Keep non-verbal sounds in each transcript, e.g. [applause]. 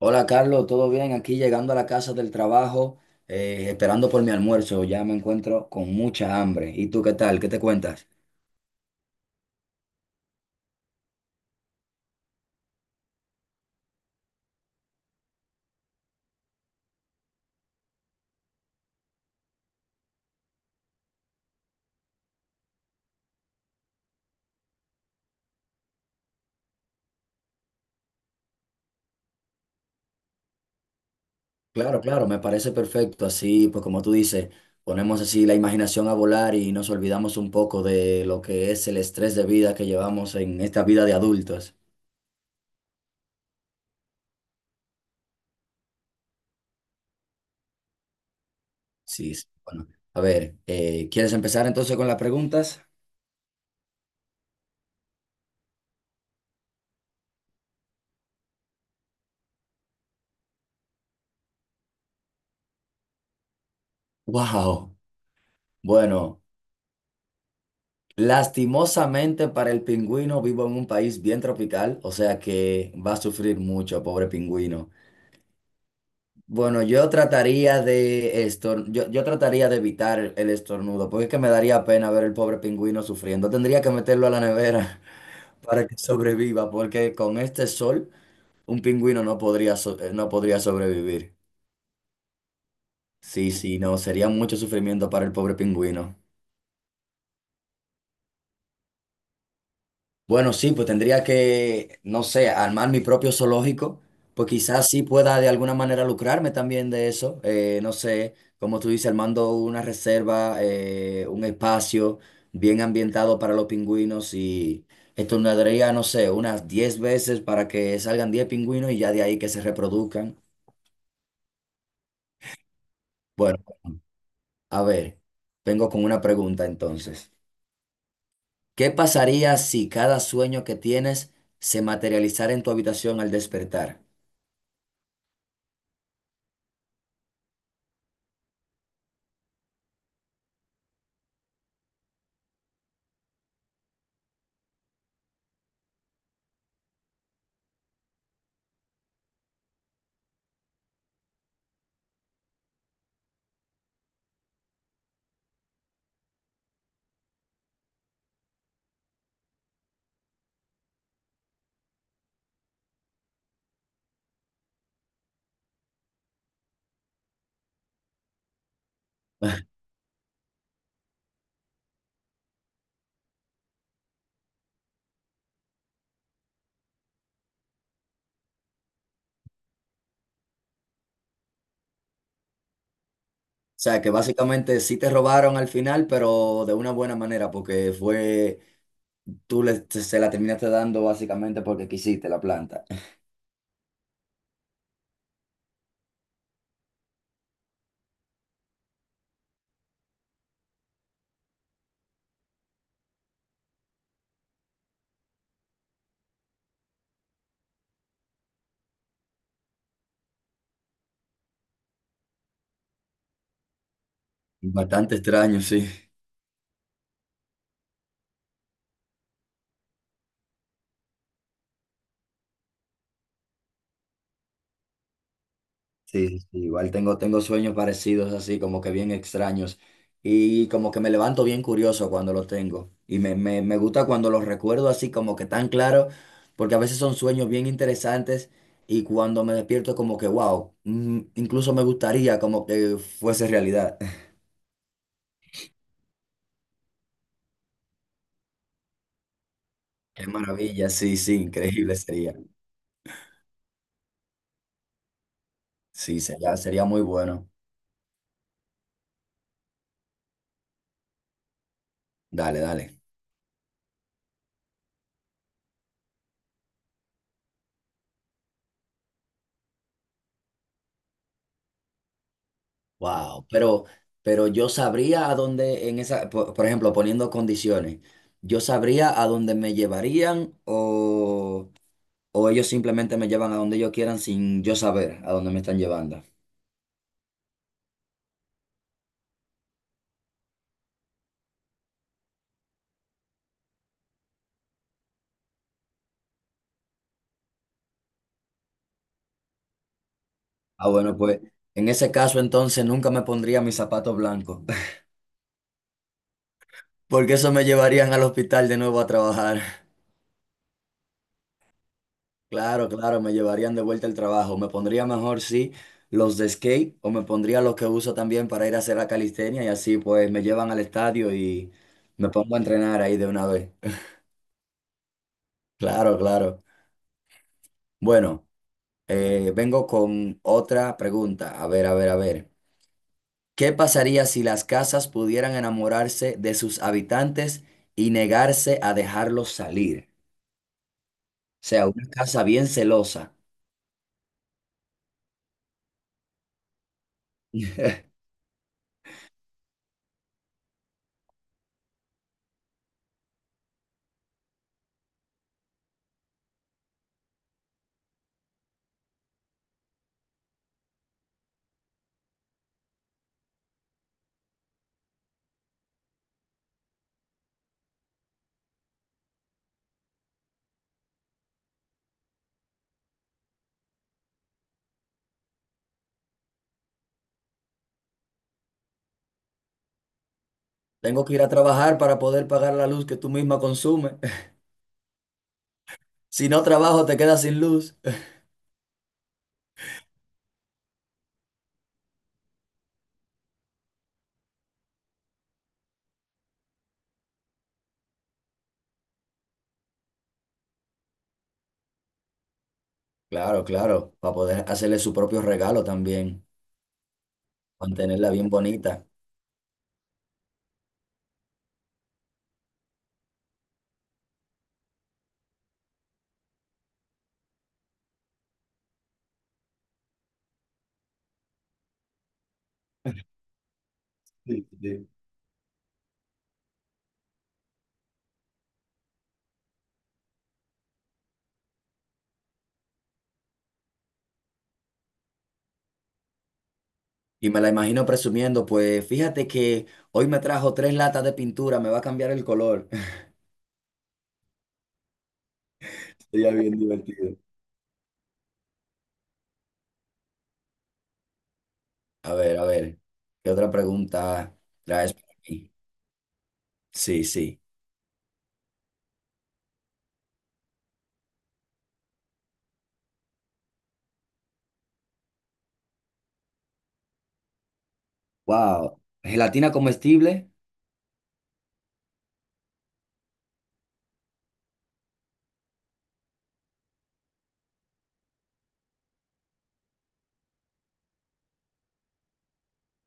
Hola Carlos, ¿todo bien? Aquí llegando a la casa del trabajo, esperando por mi almuerzo, ya me encuentro con mucha hambre. ¿Y tú qué tal? ¿Qué te cuentas? Claro, claro, me parece perfecto. Así, pues como tú dices, ponemos así la imaginación a volar y nos olvidamos un poco de lo que es el estrés de vida que llevamos en esta vida de adultos. Sí, sí, bueno. A ver, ¿quieres empezar entonces con las preguntas? Wow. Bueno. Lastimosamente para el pingüino vivo en un país bien tropical, o sea que va a sufrir mucho, pobre pingüino. Bueno, yo trataría yo trataría de evitar el estornudo, porque es que me daría pena ver el pobre pingüino sufriendo. Tendría que meterlo a la nevera [laughs] para que sobreviva, porque con este sol un pingüino no podría sobrevivir. Sí, sí, no, sería mucho sufrimiento para el pobre pingüino. Bueno, sí, pues tendría que, no sé, armar mi propio zoológico, pues quizás sí pueda de alguna manera lucrarme también de eso. No sé, como tú dices, armando una reserva, un espacio bien ambientado para los pingüinos y estornaría, no sé, unas 10 veces para que salgan 10 pingüinos y ya de ahí que se reproduzcan. Bueno, a ver, vengo con una pregunta entonces. ¿Qué pasaría si cada sueño que tienes se materializara en tu habitación al despertar? O sea, que básicamente sí te robaron al final, pero de una buena manera, porque fue, se la terminaste dando básicamente porque quisiste la planta. [laughs] Bastante extraño, sí. Sí, sí, sí, igual tengo, tengo sueños parecidos así, como que bien extraños. Y como que me levanto bien curioso cuando los tengo. Y me gusta cuando los recuerdo así como que tan claro, porque a veces son sueños bien interesantes y cuando me despierto como que, wow, mm, incluso me gustaría como que fuese realidad. Qué maravilla, sí, sí, increíble sería. Sí, sería, sería muy bueno. Dale, dale. Wow, pero yo sabría a dónde en esa, por ejemplo, poniendo condiciones, yo sabría a dónde me llevarían o ellos simplemente me llevan a donde ellos quieran sin yo saber a dónde me están llevando. Ah, bueno, pues en ese caso entonces nunca me pondría mis zapatos blancos, [laughs] porque eso me llevarían al hospital de nuevo a trabajar. Claro, claro, me llevarían de vuelta al trabajo. Me pondría mejor, sí, los de skate o me pondría los que uso también para ir a hacer la calistenia y así pues me llevan al estadio y me pongo a entrenar ahí de una vez. [laughs] Claro, claro. Bueno, vengo con otra pregunta. A ver, a ver, a ver. ¿Qué pasaría si las casas pudieran enamorarse de sus habitantes y negarse a dejarlos salir? O sea, una casa bien celosa. Tengo que ir a trabajar para poder pagar la luz que tú misma consumes. Si no trabajo, te quedas sin luz. [laughs] Claro, claro, para poder hacerle su propio regalo también, mantenerla bien bonita. Y me la imagino presumiendo, pues fíjate que hoy me trajo tres latas de pintura, me va a cambiar el color. [laughs] Sería bien divertido. A ver, ¿qué otra pregunta traes para mí? Sí, sí. Wow, gelatina comestible.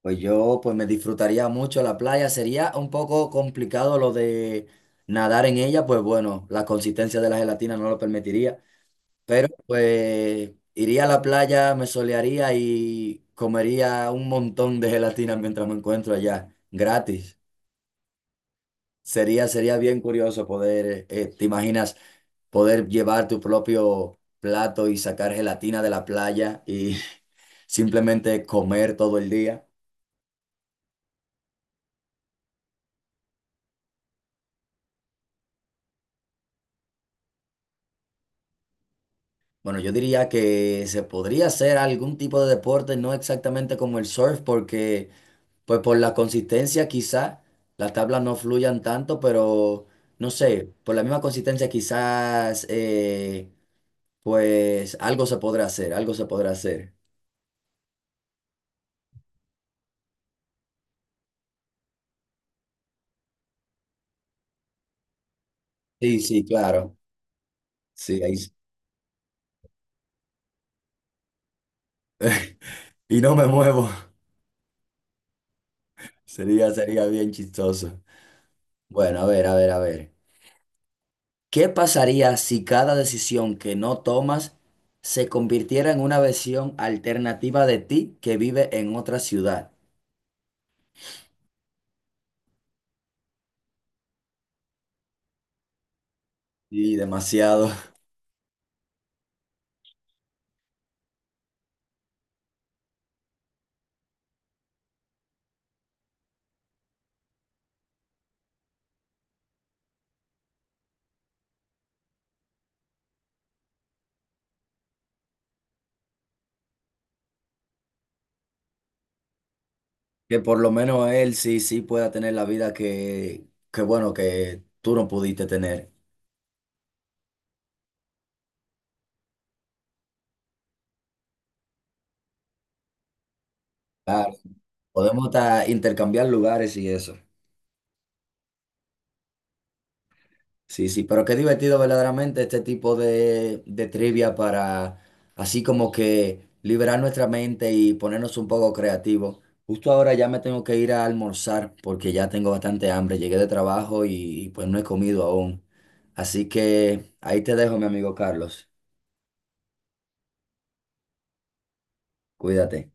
Pues yo, pues me disfrutaría mucho la playa. Sería un poco complicado lo de nadar en ella, pues bueno, la consistencia de la gelatina no lo permitiría. Pero pues iría a la playa, me solearía y comería un montón de gelatina mientras me encuentro allá, gratis. Sería, sería bien curioso poder, te imaginas, poder llevar tu propio plato y sacar gelatina de la playa y [laughs] simplemente comer todo el día. Bueno, yo diría que se podría hacer algún tipo de deporte, no exactamente como el surf, porque pues por la consistencia quizá las tablas no fluyan tanto, pero no sé, por la misma consistencia quizás pues algo se podrá hacer, algo se podrá hacer. Sí, sí, claro. Sí, ahí. s- [laughs] Y no me muevo. [laughs] Sería, sería bien chistoso. Bueno, a ver, a ver, a ver. ¿Qué pasaría si cada decisión que no tomas se convirtiera en una versión alternativa de ti que vive en otra ciudad? Sí, demasiado. Que por lo menos él sí, sí pueda tener la vida que bueno, que tú no pudiste tener. Claro, podemos hasta intercambiar lugares y eso. Sí, sí, pero qué divertido verdaderamente este tipo de trivia para así como que liberar nuestra mente y ponernos un poco creativos. Justo ahora ya me tengo que ir a almorzar porque ya tengo bastante hambre. Llegué de trabajo y, pues no he comido aún. Así que ahí te dejo, mi amigo Carlos. Cuídate.